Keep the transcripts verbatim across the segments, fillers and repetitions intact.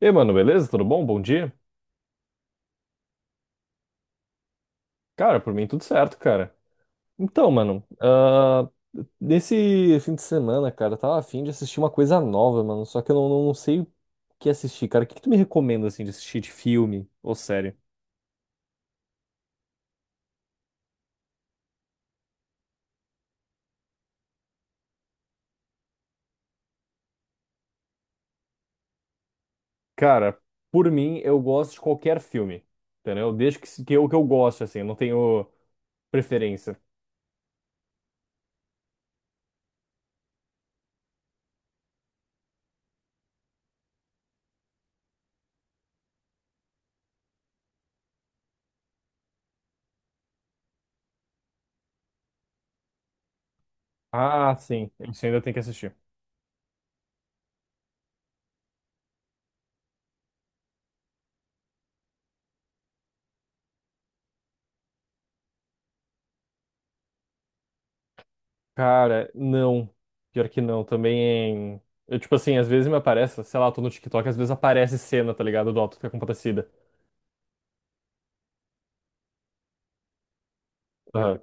E aí, mano, beleza? Tudo bom? Bom dia? Cara, por mim tudo certo, cara. Então, mano, ah, nesse fim de semana, cara, eu tava afim de assistir uma coisa nova, mano, só que eu não, não- não sei o que assistir, cara. O que que tu me recomenda, assim, de assistir de filme ou série? Cara, por mim, eu gosto de qualquer filme, entendeu? Desde que, se- que eu, que eu gosto, assim, eu não tenho preferência. Ah, sim, isso ainda tem que assistir. Cara, não. Pior que não, também. Eu, tipo assim, às vezes me aparece, sei lá, eu tô no TikTok, às vezes aparece cena, tá ligado? Do Auto da Compadecida. Aham,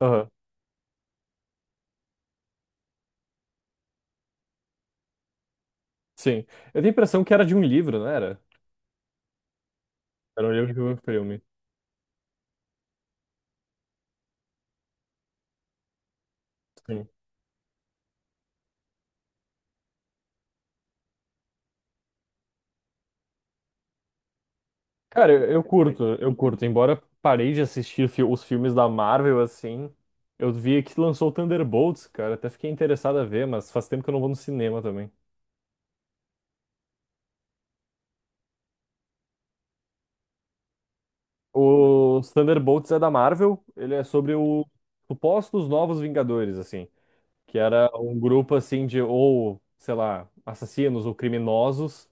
aham, sim. Eu tenho a impressão que era de um livro, não era? Era um livro que virou um filme. Sim. Cara, eu, eu curto, eu curto. Embora parei de assistir fi- os filmes da Marvel, assim, eu vi que lançou o Thunderbolts, cara. Até fiquei interessado a ver, mas faz tempo que eu não vou no cinema também. O Thunderbolts é da Marvel, ele é sobre o supostos novos Vingadores, assim. Que era um grupo assim de ou, sei lá, assassinos ou criminosos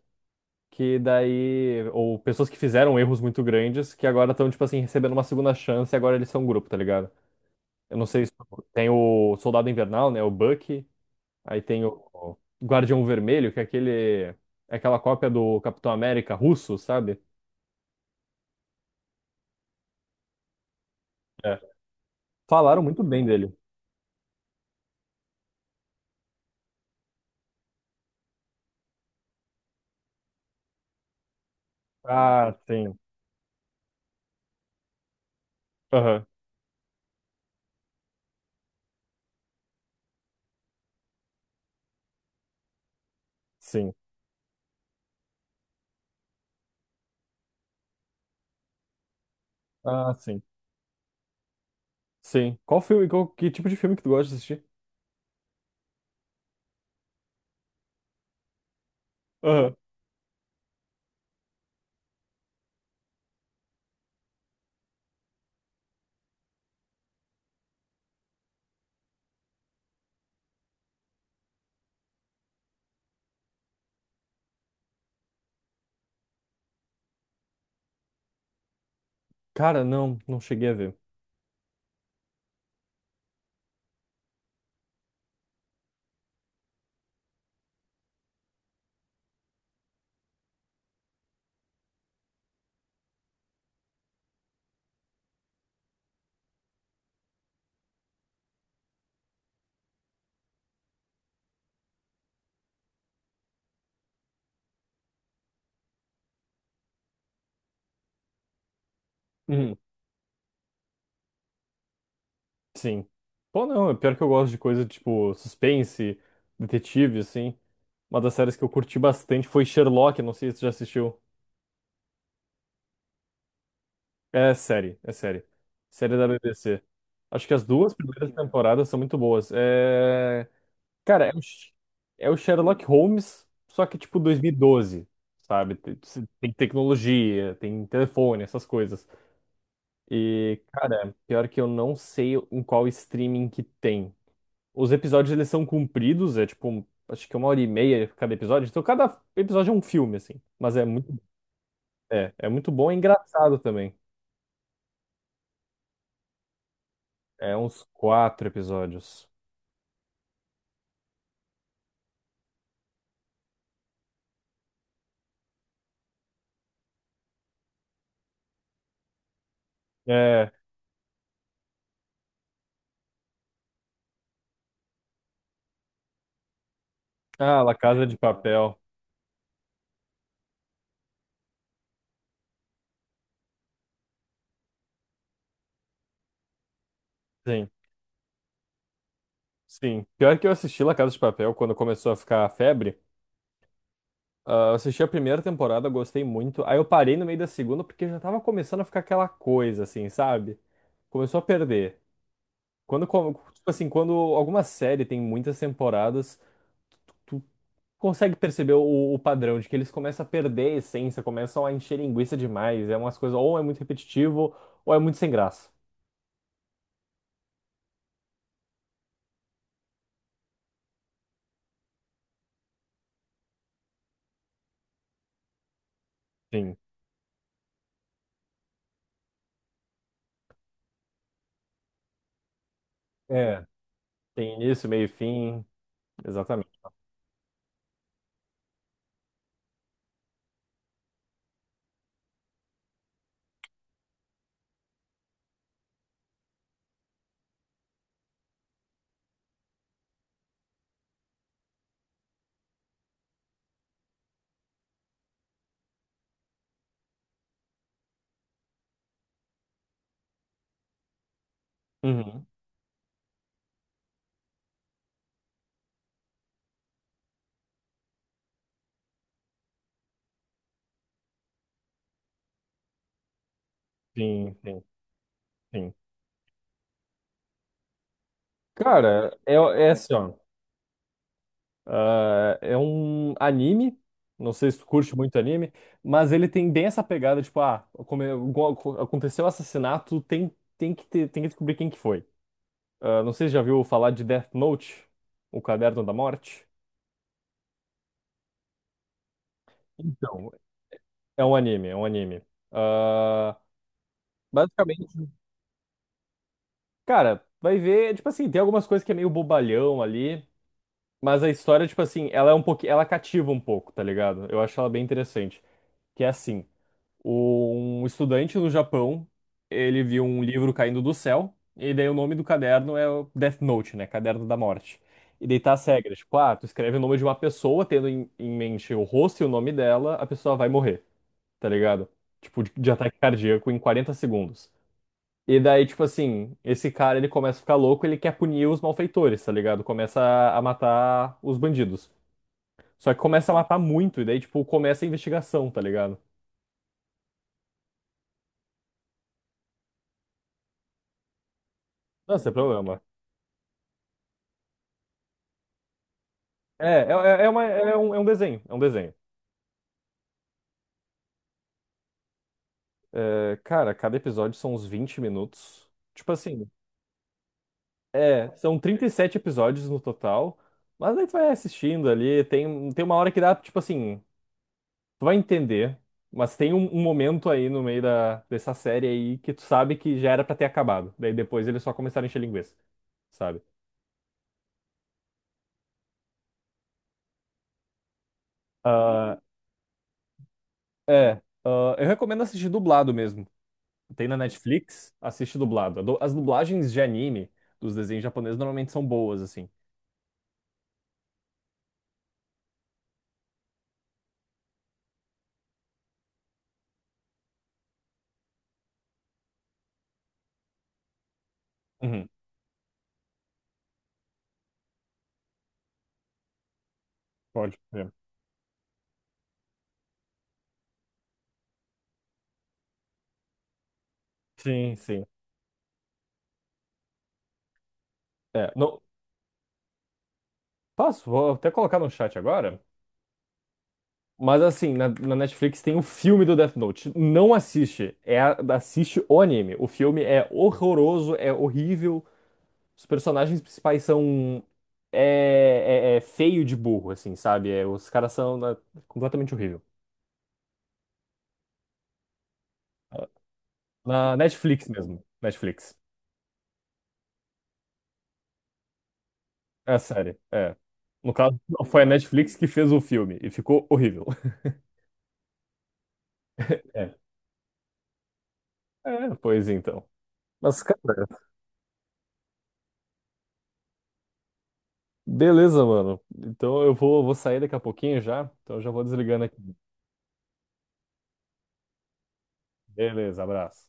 que daí ou pessoas que fizeram erros muito grandes que agora estão tipo assim recebendo uma segunda chance e agora eles são um grupo, tá ligado? Eu não sei se tem o Soldado Invernal, né, o Bucky, aí tem o o Guardião Vermelho, que é aquele é aquela cópia do Capitão América russo, sabe? É. Falaram muito bem dele. Ah, sim. Aham, sim. Ah, sim. Sim. Qual filme, qual, que tipo de filme que tu gosta de assistir? Aham. Cara, não, não cheguei a ver. Uhum, sim. Pô, não, é pior que eu gosto de coisa tipo suspense, detetive, assim. Uma das séries que eu curti bastante foi Sherlock, não sei se você já assistiu. É série, é série. Série da B B C. Acho que as duas primeiras temporadas são muito boas. É... Cara, é o, Sh- é o Sherlock Holmes, só que tipo dois mil e doze, sabe? Tem tem tecnologia, tem telefone, essas coisas. E, cara, pior que eu não sei em qual streaming que tem. Os episódios eles são compridos, é tipo, um- acho que é uma hora e meia cada episódio. Então cada episódio é um filme, assim. Mas é muito, é, é muito bom e engraçado também. É uns quatro episódios. É. Ah, La Casa de Papel. Sim, sim. Pior que eu assisti La Casa de Papel quando começou a ficar a febre. Ah, eu assisti a primeira temporada, gostei muito. Aí eu parei no meio da segunda porque já tava começando a ficar aquela coisa, assim, sabe? Começou a perder. Quando, co- tipo assim, quando alguma série tem muitas temporadas tu consegue perceber o, o padrão de que eles começam a perder a essência, começam a encher linguiça demais. É umas coisas, ou é muito repetitivo, ou é muito sem graça. Sim. É, tem início, meio e fim. Exatamente. Uhum. Sim, sim, sim. Cara, é, é assim, ó. Ah, é um anime. Não sei se tu curte muito anime, mas ele tem bem essa pegada, tipo, ah, come- go- aconteceu o assassinato, tem, tem que ter- tem que descobrir quem que foi. Ah, não sei se já viu falar de Death Note, o Caderno da Morte. Então, é um anime, é um anime. Ah, Basicamente, cara, vai ver, tipo assim, tem algumas coisas que é meio bobalhão ali, mas a história, tipo assim, ela é um pouquinho, ela cativa um pouco, tá ligado? Eu acho ela bem interessante. Que é assim, um estudante no Japão, ele viu um livro caindo do céu, e daí o nome do caderno é o Death Note, né? Caderno da Morte. E daí tá as regras, tipo, ah, tu escreve o nome de uma pessoa, tendo em em mente o rosto e o nome dela, a pessoa vai morrer. Tá ligado? Tipo, de, de ataque cardíaco em quarenta segundos. E daí, tipo assim, esse cara ele começa a ficar louco, ele quer punir os malfeitores, tá ligado? Começa a a matar os bandidos. Só que começa a matar muito, e daí, tipo, começa a investigação, tá ligado? Não é problema. É, é, é, é uma- é um, é um desenho, é um desenho. É, cara, cada episódio são uns vinte minutos. Tipo assim, é, são trinta e sete episódios no total. Mas aí tu vai assistindo ali, tem, tem uma hora que dá, tipo assim, tu vai entender, mas tem um, um momento aí no meio da, dessa série aí que tu sabe que já era pra ter acabado. Daí depois eles só começaram a encher linguiça, sabe? Ah, é, ah, eu recomendo assistir dublado mesmo. Tem na Netflix, assiste dublado. A du- As dublagens de anime dos desenhos japoneses normalmente são boas, assim. Uhum, pode crer. Sim, sim. É, não, posso? Vou até colocar no chat agora. Mas assim, na, na Netflix tem o filme do Death Note. Não assiste. É, a- assiste o anime. O filme é horroroso, é horrível. Os personagens principais são. É, é- é feio de burro, assim, sabe? É, os caras são na- completamente horrível. Na Netflix mesmo. Netflix. É a série. É. No caso, não foi a Netflix que fez o filme e ficou horrível. É. É, pois então. Mas, cara, beleza, mano. Então eu vou, vou sair daqui a pouquinho já. Então eu já vou desligando aqui. Beleza, abraço.